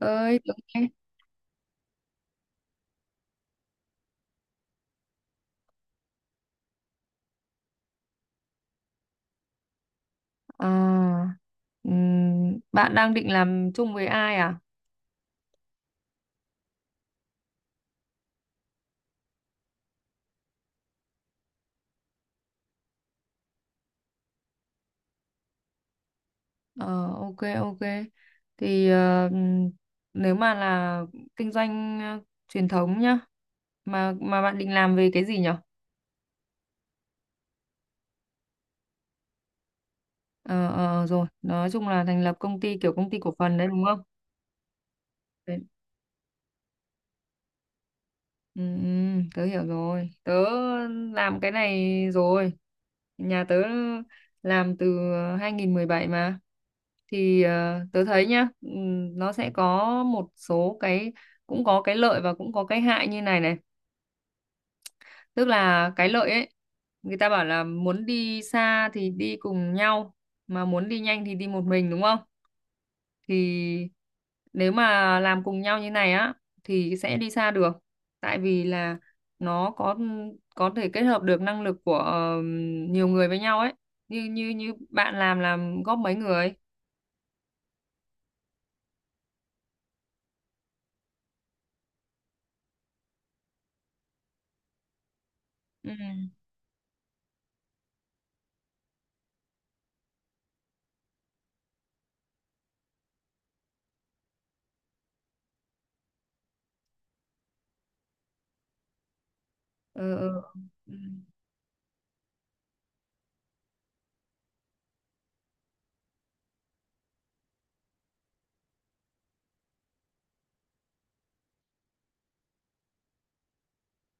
Ơi tưởng nghe. À, bạn đang định làm chung với ai à? ờ OK, OK, thì nếu mà là kinh doanh, truyền thống nhá, mà bạn định làm về cái gì nhở? Ờ, Rồi nói chung là thành lập công ty kiểu công ty cổ phần đấy, đúng không? Ừ, ừ, tớ hiểu rồi. Tớ làm cái này rồi. Nhà tớ làm từ 2017 mà. Thì tớ thấy nhá, nó sẽ có một số cái, cũng có cái lợi và cũng có cái hại như này này. Tức là cái lợi ấy, người ta bảo là muốn đi xa thì đi cùng nhau, mà muốn đi nhanh thì đi một mình, đúng không? Thì nếu mà làm cùng nhau như này á thì sẽ đi xa được, tại vì là nó có thể kết hợp được năng lực của nhiều người với nhau ấy, như như như bạn làm góp mấy người. Ừ. Ừ. Ừ.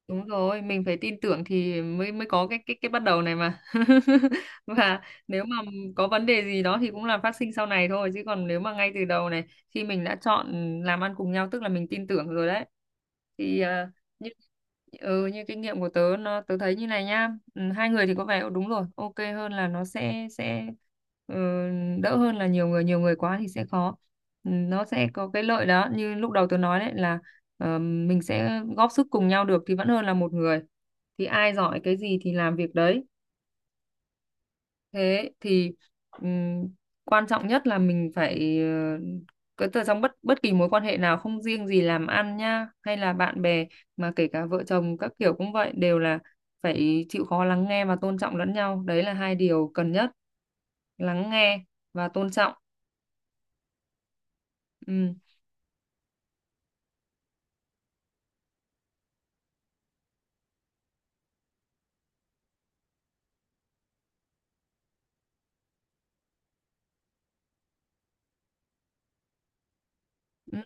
Đúng rồi, mình phải tin tưởng thì mới mới có cái bắt đầu này mà. Và nếu mà có vấn đề gì đó thì cũng là phát sinh sau này thôi, chứ còn nếu mà ngay từ đầu này, khi mình đã chọn làm ăn cùng nhau tức là mình tin tưởng rồi đấy. Thì như như kinh nghiệm của tớ, nó tớ thấy như này nhá. Ừ, hai người thì có vẻ đúng rồi, OK hơn, là nó sẽ ừ, đỡ hơn là nhiều người quá thì sẽ khó. Ừ, nó sẽ có cái lợi đó như lúc đầu tớ nói đấy là mình sẽ góp sức cùng nhau được thì vẫn hơn là một người, thì ai giỏi cái gì thì làm việc đấy. Thế thì ừm, quan trọng nhất là mình phải cái từ trong bất bất kỳ mối quan hệ nào, không riêng gì làm ăn nhá hay là bạn bè, mà kể cả vợ chồng các kiểu cũng vậy, đều là phải chịu khó lắng nghe và tôn trọng lẫn nhau, đấy là hai điều cần nhất: lắng nghe và tôn trọng. Ừm.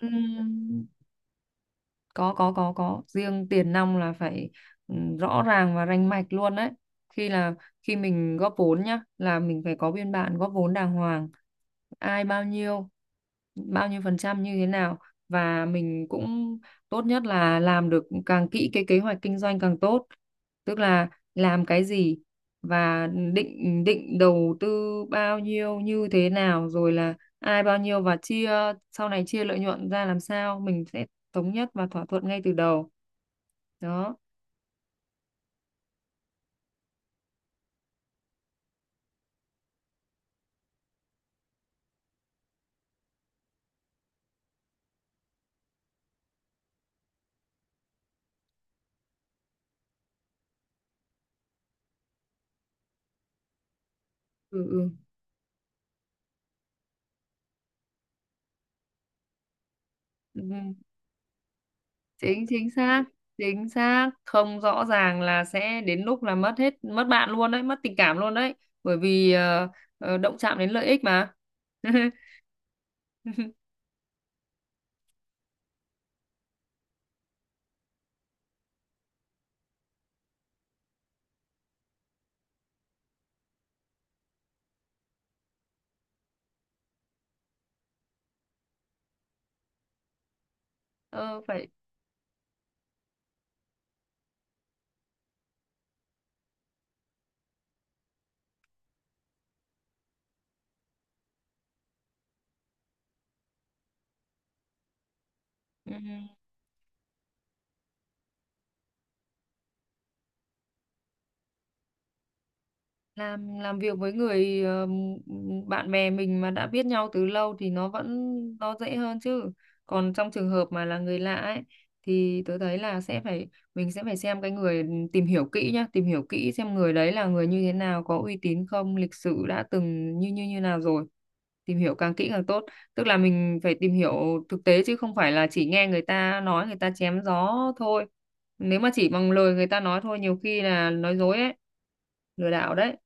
Ừm, có riêng tiền nong là phải rõ ràng và rành mạch luôn đấy, khi là khi mình góp vốn nhá, là mình phải có biên bản góp vốn đàng hoàng, ai bao nhiêu, bao nhiêu phần trăm như thế nào, và mình cũng tốt nhất là làm được càng kỹ cái kế hoạch kinh doanh càng tốt, tức là làm cái gì, và định định đầu tư bao nhiêu như thế nào, rồi là ai bao nhiêu, và chia sau này chia lợi nhuận ra làm sao, mình sẽ thống nhất và thỏa thuận ngay từ đầu đó. Ừ, ừ. Ừ, chính chính xác, chính xác, không rõ ràng là sẽ đến lúc là mất hết, mất bạn luôn đấy, mất tình cảm luôn đấy, bởi vì động chạm đến lợi ích mà. Ờ, Phải. Ừ. Làm việc với người bạn bè mình mà đã biết nhau từ lâu thì nó vẫn, nó dễ hơn chứ. Còn trong trường hợp mà là người lạ ấy thì tớ thấy là sẽ phải mình sẽ phải xem cái người, tìm hiểu kỹ nhá, tìm hiểu kỹ xem người đấy là người như thế nào, có uy tín không, lịch sử đã từng như như như nào rồi, tìm hiểu càng kỹ càng tốt, tức là mình phải tìm hiểu thực tế chứ không phải là chỉ nghe người ta nói, người ta chém gió thôi, nếu mà chỉ bằng lời người ta nói thôi nhiều khi là nói dối ấy, lừa đảo đấy.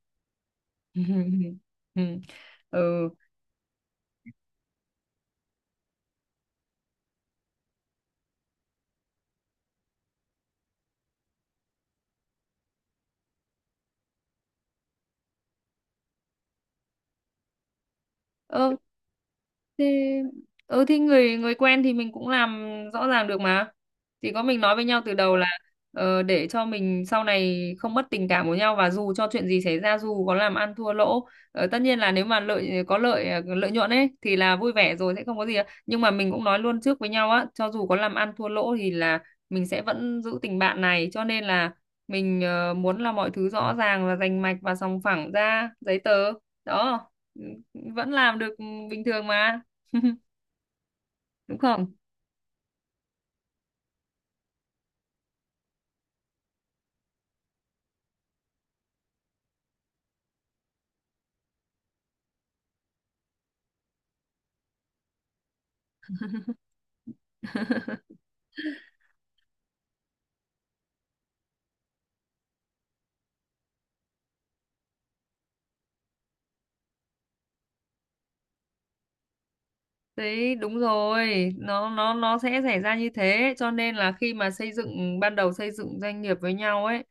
Ừ. ờ thì ừ thì Người người quen thì mình cũng làm rõ ràng được mà, chỉ có mình nói với nhau từ đầu là để cho mình sau này không mất tình cảm của nhau, và dù cho chuyện gì xảy ra, dù có làm ăn thua lỗ. Tất nhiên là nếu mà có lợi, lợi nhuận ấy thì là vui vẻ rồi, sẽ không có gì ạ. Nhưng mà mình cũng nói luôn trước với nhau á, cho dù có làm ăn thua lỗ thì là mình sẽ vẫn giữ tình bạn này, cho nên là mình muốn là mọi thứ rõ ràng và rành mạch và sòng phẳng ra giấy tờ đó, vẫn làm được bình thường mà. Đúng không? Đấy đúng rồi, nó sẽ xảy ra như thế, cho nên là khi mà xây dựng ban đầu xây dựng doanh nghiệp với nhau ấy,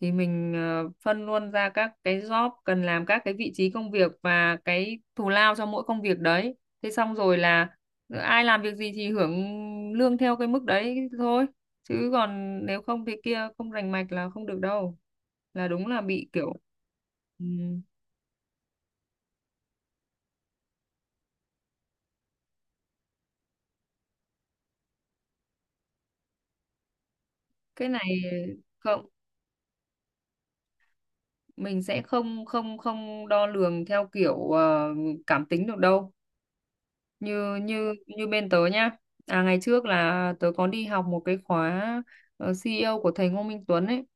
thì mình phân luôn ra các cái job cần làm, các cái vị trí công việc và cái thù lao cho mỗi công việc đấy, thế xong rồi là ai làm việc gì thì hưởng lương theo cái mức đấy thôi, chứ còn nếu không thì kia không rành mạch là không được đâu, là đúng là bị kiểu. Ừ, cái này không, mình sẽ không không không đo lường theo kiểu cảm tính được đâu, như như như bên tớ nhá. Ngày trước là tớ có đi học một cái khóa CEO của thầy Ngô Minh Tuấn ấy.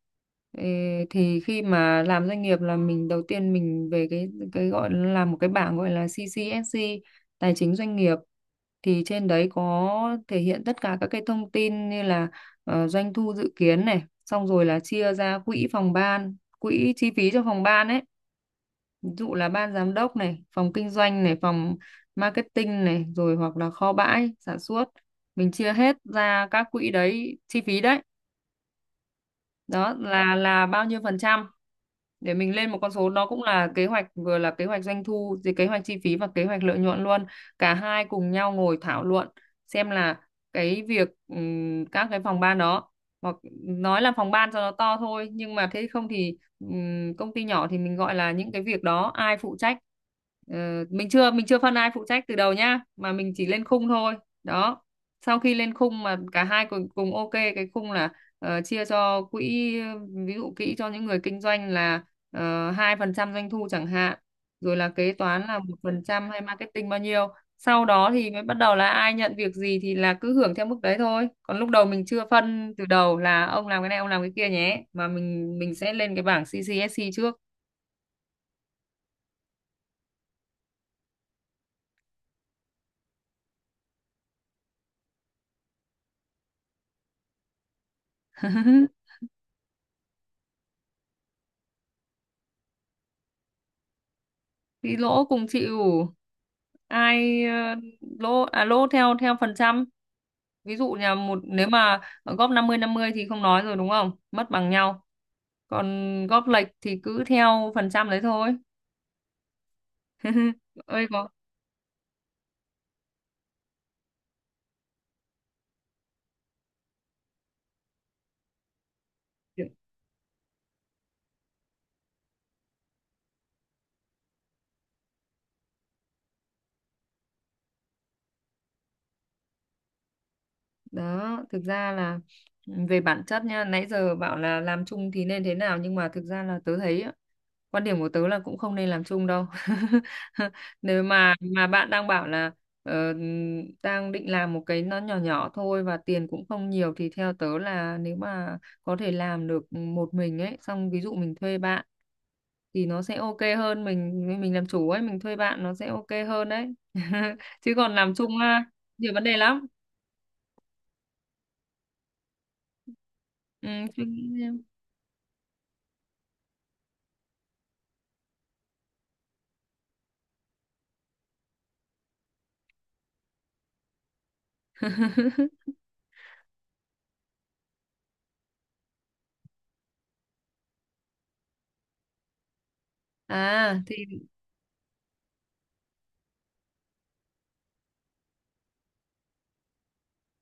Ê, thì khi mà làm doanh nghiệp là mình đầu tiên mình về cái gọi là làm một cái bảng gọi là CCSC tài chính doanh nghiệp, thì trên đấy có thể hiện tất cả các cái thông tin như là doanh thu dự kiến này, xong rồi là chia ra quỹ phòng ban, quỹ chi phí cho phòng ban ấy, ví dụ là ban giám đốc này, phòng kinh doanh này, phòng marketing này, rồi hoặc là kho bãi sản xuất. Mình chia hết ra các quỹ đấy, chi phí đấy, đó là bao nhiêu phần trăm, để mình lên một con số, nó cũng là kế hoạch, vừa là kế hoạch doanh thu, thì kế hoạch chi phí và kế hoạch lợi nhuận luôn. Cả hai cùng nhau ngồi thảo luận xem là cái việc các cái phòng ban đó, hoặc nói là phòng ban cho nó to thôi nhưng mà thế không thì công ty nhỏ thì mình gọi là những cái việc đó ai phụ trách. Ờ, mình chưa phân ai phụ trách từ đầu nhá, mà mình chỉ lên khung thôi đó, sau khi lên khung mà cả hai cùng cùng OK cái khung, là chia cho quỹ, ví dụ quỹ cho những người kinh doanh là 2% doanh thu chẳng hạn, rồi là kế toán là 1%, hay marketing bao nhiêu, sau đó thì mới bắt đầu là ai nhận việc gì thì là cứ hưởng theo mức đấy thôi, còn lúc đầu mình chưa phân từ đầu là ông làm cái này ông làm cái kia nhé, mà mình sẽ lên cái bảng CCSC trước. Thì lỗ cùng chịu. Ai lỗ à, lỗ theo theo phần trăm. Ví dụ nhà một, nếu mà góp năm mươi thì không nói rồi đúng không? Mất bằng nhau. Còn góp lệch thì cứ theo phần trăm đấy thôi. Ơi có. Đó thực ra là về bản chất nha, nãy giờ bảo là làm chung thì nên thế nào, nhưng mà thực ra là tớ thấy á, quan điểm của tớ là cũng không nên làm chung đâu. Nếu mà bạn đang bảo là ờ, đang định làm một cái nó nhỏ nhỏ thôi và tiền cũng không nhiều, thì theo tớ là nếu mà có thể làm được một mình ấy, xong ví dụ mình thuê bạn thì nó sẽ OK hơn, mình làm chủ ấy, mình thuê bạn nó sẽ OK hơn đấy. Chứ còn làm chung á, nhiều vấn đề lắm. Ừ, suy nghĩ xem. à thì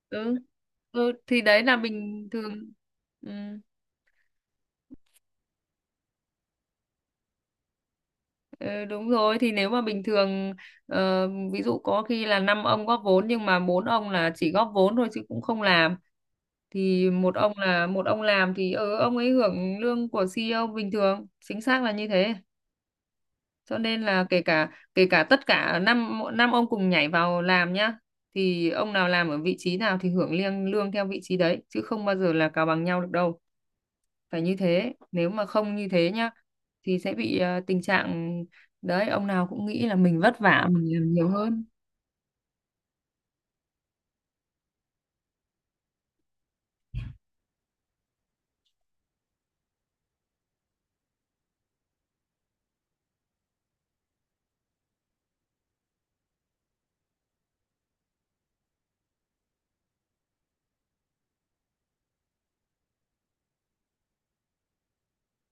ừ, ừ thì đấy là bình thường. Ừ, ừ, đúng rồi, thì nếu mà bình thường, ví dụ có khi là năm ông góp vốn nhưng mà bốn ông là chỉ góp vốn thôi chứ cũng không làm, thì một ông làm thì ông ấy hưởng lương của CEO bình thường, chính xác là như thế. Cho nên là kể cả tất cả năm năm ông cùng nhảy vào làm nhá, thì ông nào làm ở vị trí nào thì hưởng lương theo vị trí đấy, chứ không bao giờ là cào bằng nhau được đâu, phải như thế, nếu mà không như thế nhá thì sẽ bị tình trạng đấy, ông nào cũng nghĩ là mình vất vả, mình làm nhiều hơn.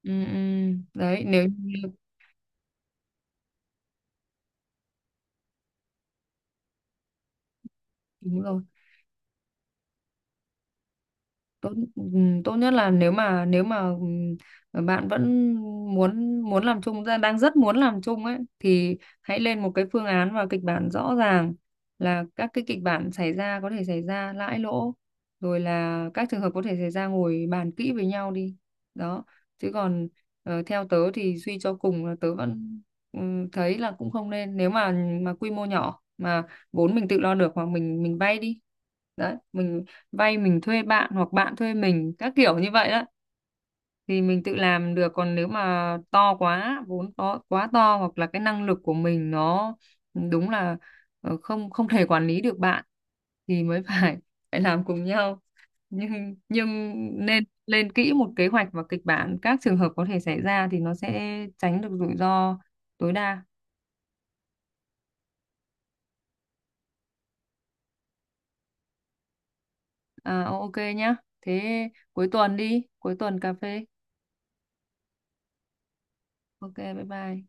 Ừ, ừ. Đấy đúng rồi. Tốt, tốt nhất là nếu mà bạn vẫn muốn muốn làm chung, đang rất muốn làm chung ấy, thì hãy lên một cái phương án và kịch bản rõ ràng, là các cái kịch bản xảy ra có thể xảy ra lãi lỗ, rồi là các trường hợp có thể xảy ra, ngồi bàn kỹ với nhau đi đó. Chứ còn theo tớ thì suy cho cùng là tớ vẫn thấy là cũng không nên, nếu mà quy mô nhỏ mà vốn mình tự lo được, hoặc mình vay đi đấy, mình vay mình thuê bạn hoặc bạn thuê mình các kiểu như vậy đó, thì mình tự làm được. Còn nếu mà to quá, vốn to hoặc là cái năng lực của mình nó đúng là không không thể quản lý được bạn, thì mới phải phải làm cùng nhau, nhưng nên lên kỹ một kế hoạch và kịch bản các trường hợp có thể xảy ra thì nó sẽ tránh được rủi ro tối đa. OK nhá, thế cuối tuần đi, cuối tuần cà phê. OK, bye bye.